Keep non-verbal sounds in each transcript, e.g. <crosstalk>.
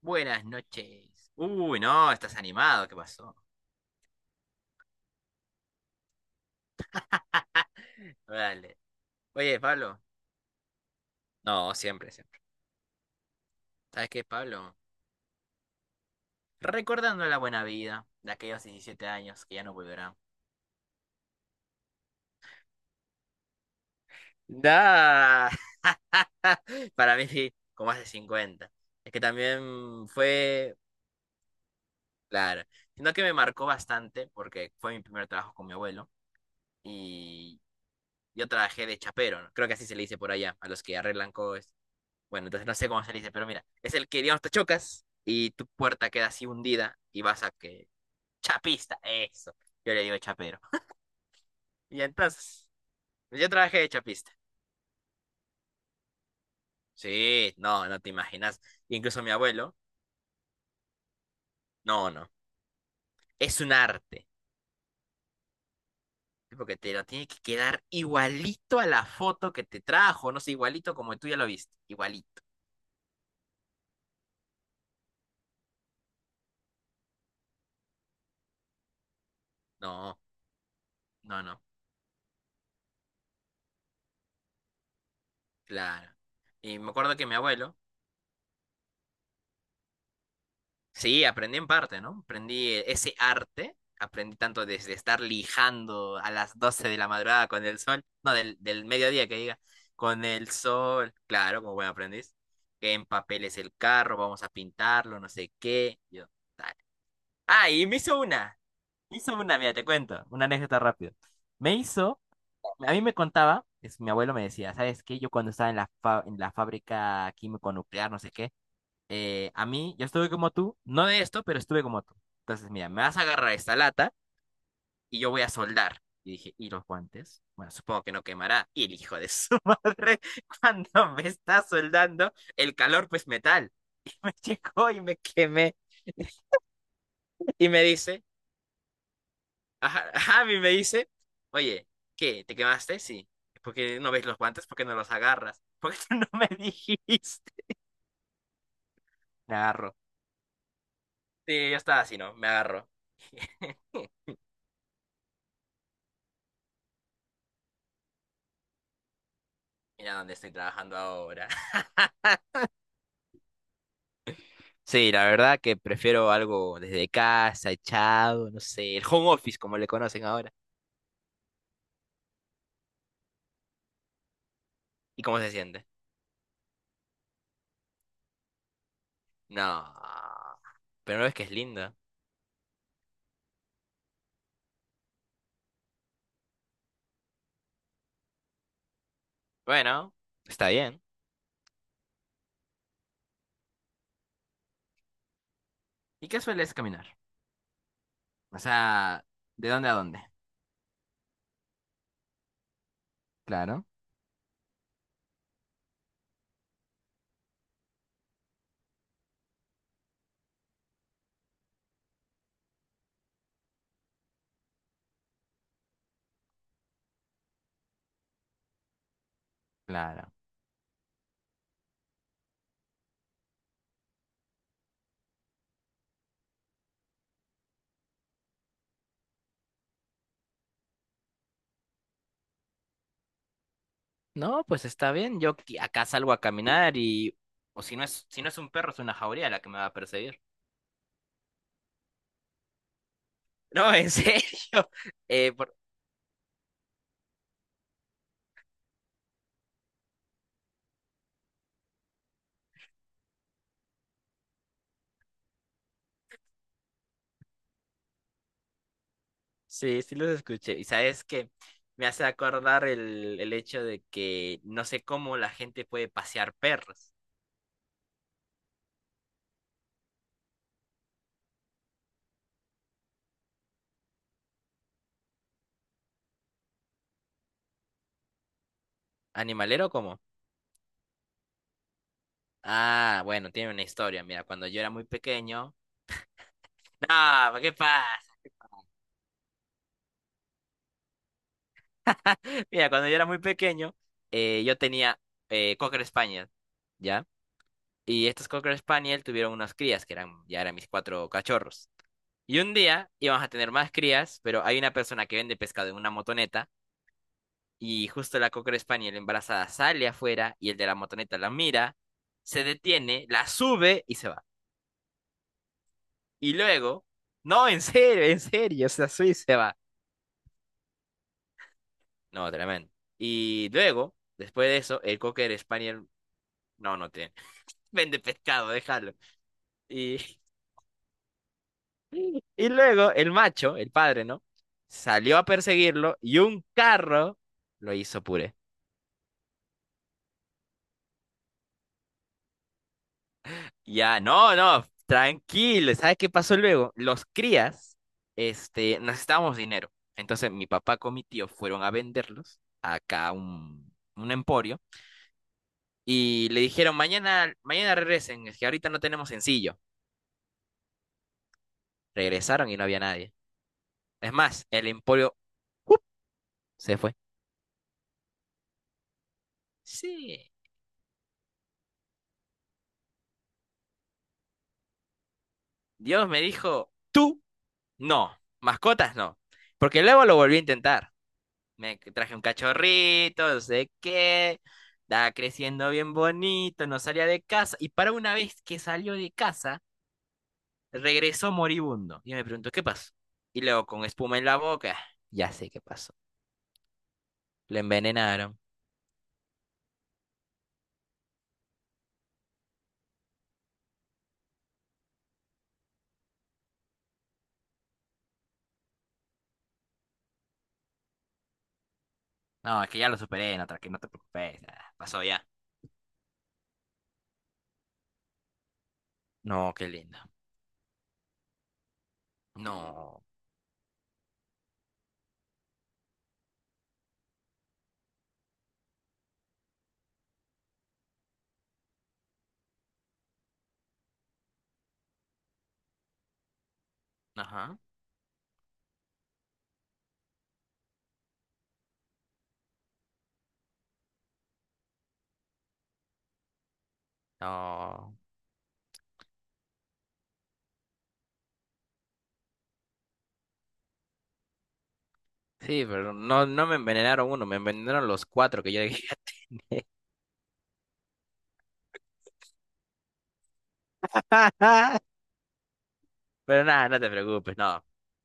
Buenas noches. Uy, no, estás animado, ¿qué pasó? Dale. Oye, Pablo. No, siempre, siempre. ¿Sabes qué, Pablo? Recordando la buena vida de aquellos 17 años que ya no volverán. Da. <laughs> Para mí, sí, como hace 50. Es que también fue, claro, sino que me marcó bastante porque fue mi primer trabajo con mi abuelo y yo trabajé de chapero, ¿no? Creo que así se le dice por allá, a los que arreglan cosas. Bueno, entonces no sé cómo se dice, pero mira, es el que, digamos, te chocas y tu puerta queda así hundida y vas a que... Chapista, eso. Yo le digo chapero. Y entonces, pues yo trabajé de chapista. Sí, no, no te imaginas. Incluso mi abuelo, no, no. Es un arte. Porque te lo tiene que quedar igualito a la foto que te trajo. No sé, igualito como tú ya lo viste. Igualito. No, no, no. Claro. Y me acuerdo que mi abuelo. Sí, aprendí en parte, ¿no? Aprendí ese arte, aprendí tanto desde estar lijando a las 12 de la madrugada con el sol, no, del mediodía que diga, con el sol, claro, como buen aprendiz, que en papel es el carro, vamos a pintarlo, no sé qué, yo, dale. Ah, y me hizo una, mira, te cuento, una anécdota rápido. Me hizo, a mí me contaba, es, mi abuelo me decía, ¿sabes qué? Yo cuando estaba en la, fa- en la fábrica químico nuclear, no sé qué, a mí, yo estuve como tú, no de esto, pero estuve como tú. Entonces, mira, me vas a agarrar esta lata y yo voy a soldar. Y dije, ¿y los guantes? Bueno, supongo que no quemará. Y el hijo de su <laughs> madre, cuando me está soldando, el calor pues metal. <laughs> Y me llegó y me quemé. Y me dice, ajá, ajá, y me dice, oye, ¿qué? ¿Te quemaste? Sí. ¿Por qué no ves los guantes? ¿Por qué no los agarras? <laughs> ¿Por qué tú no me dijiste? Me agarro. Sí, yo estaba así, ¿no? Me agarro. <laughs> Mira dónde estoy trabajando ahora. Sí, la verdad que prefiero algo desde casa, echado, no sé, el home office como le conocen ahora. ¿Y cómo se siente? No, pero no ves que es linda. Bueno, está bien. ¿Y qué sueles caminar? O sea, ¿de dónde a dónde? Claro, claro. No, pues está bien. Yo qui- acá salgo a caminar y... O si no es, si no es un perro, es una jauría la que me va a perseguir. <laughs> No, en serio. <laughs> Por-. Sí, sí los escuché. Y sabes que me hace acordar el hecho de que no sé cómo la gente puede pasear perros. ¿Animalero cómo? Ah, bueno, tiene una historia. Mira, cuando yo era muy pequeño. No, ¿qué pasa? <laughs> Mira, cuando yo era muy pequeño, yo tenía Cocker Spaniel, ¿ya? Y estos Cocker Spaniel tuvieron unas crías que eran, ya eran mis cuatro cachorros. Y un día íbamos a tener más crías, pero hay una persona que vende pescado en una motoneta. Y justo la Cocker Spaniel embarazada sale afuera y el de la motoneta la mira, se detiene, la sube y se va. Y luego, no, en serio, se la sube y se va. No, tremendo. Y luego, después de eso, el Cocker Spaniel, no, no tiene, <laughs> vende pescado, déjalo. Y, <laughs> y luego el macho, el padre, ¿no? Salió a perseguirlo y un carro lo hizo puré. Ya, no, no, tranquilo. ¿Sabes qué pasó luego? Los crías, este, necesitábamos dinero. Entonces mi papá con mi tío fueron a venderlos acá a un emporio y le dijeron, mañana, mañana regresen, es que ahorita no tenemos sencillo. Regresaron y no había nadie. Es más, el emporio ¡up! Se fue. Sí, Dios me dijo, tú no, mascotas no. Porque luego lo volví a intentar. Me traje un cachorrito, no sé qué. Estaba creciendo bien bonito, no salía de casa. Y para una vez que salió de casa, regresó moribundo. Y me pregunto, ¿qué pasó? Y luego con espuma en la boca, ya sé qué pasó. Lo envenenaron. No, es que ya lo superé, no, tranqui- no te preocupes. Ah, pasó ya. No, qué lindo. No. Ajá. No. Sí, pero no, no me envenenaron uno, me envenenaron los cuatro que yo dejé. <laughs> Pero nada, no te preocupes, no.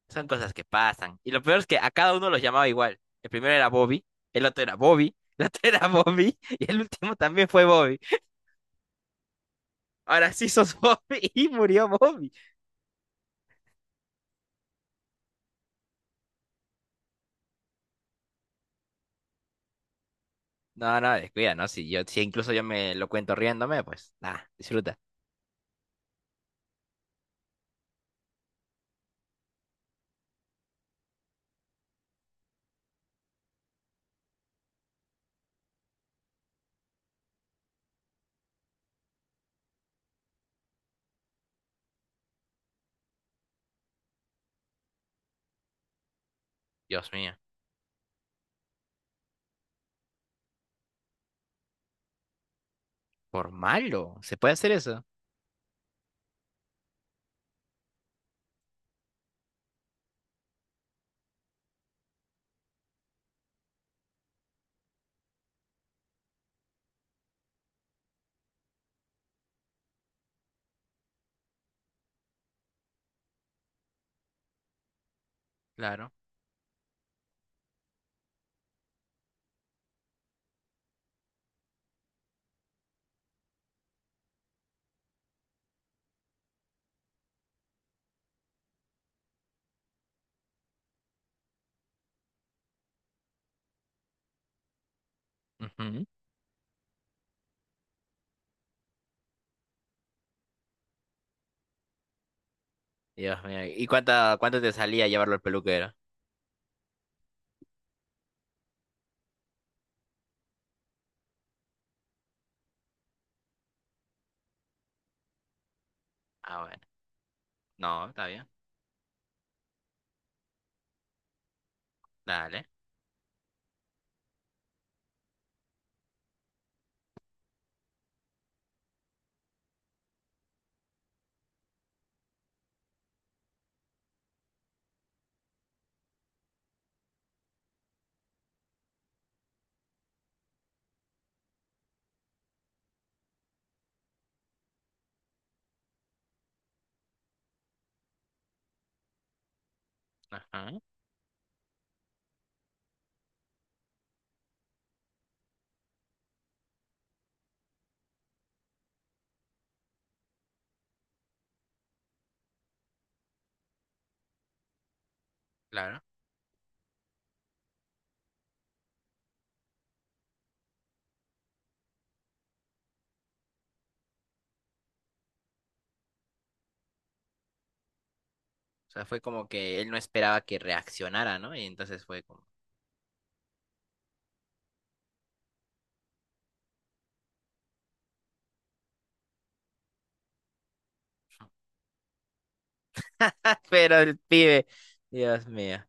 Son cosas que pasan. Y lo peor es que a cada uno los llamaba igual. El primero era Bobby, el otro era Bobby, <laughs> el otro era Bobby y el último también fue Bobby. Ahora sí sos Bobby <laughs> y murió Bobby. No, no, descuida, ¿no? Si yo, si incluso yo me lo cuento riéndome, pues nada, disfruta. Dios mío, por malo, ¿se puede hacer eso? Claro. Ujú. Dios mío, ¿y cuánta, cuánto te salía llevarlo al peluquero? Ah, bueno. No, está bien. Dale. Ajá, claro. O sea, fue como que él no esperaba que reaccionara, ¿no? Y entonces fue como, <laughs> "Ah, pero el pibe, Dios mío.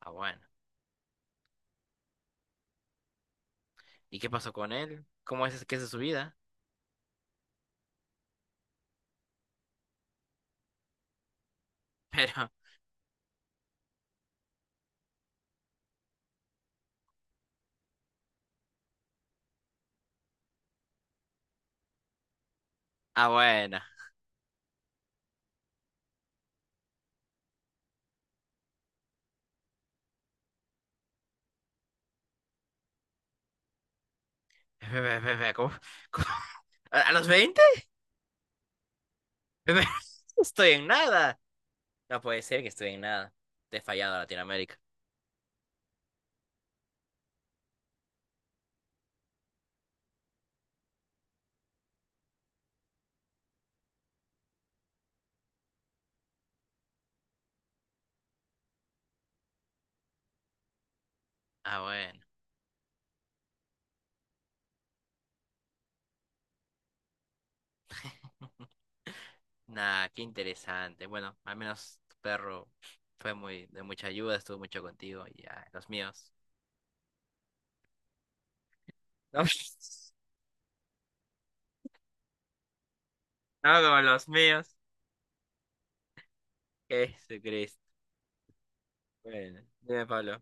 Ah, bueno. ¿Y qué pasó con él? ¿Cómo es que es su vida? <laughs> Pero, ah, bueno. <laughs> Ve, ve, ve, ve, ¿cómo- cómo- ¿a a los 20? <laughs> Estoy en nada. No puede ser que estoy en nada. Te he fallado a Latinoamérica. Ah, bueno. Nada, qué interesante. Bueno, al menos tu perro fue muy de mucha ayuda, estuvo mucho contigo. Y ya, los míos. <laughs> No, no como los míos. Jesucristo. Bueno, dime, Pablo.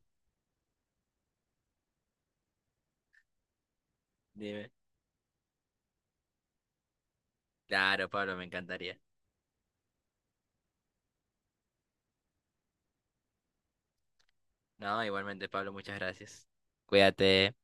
Dime. Claro, Pablo, me encantaría. No, igualmente, Pablo, muchas gracias. Cuídate.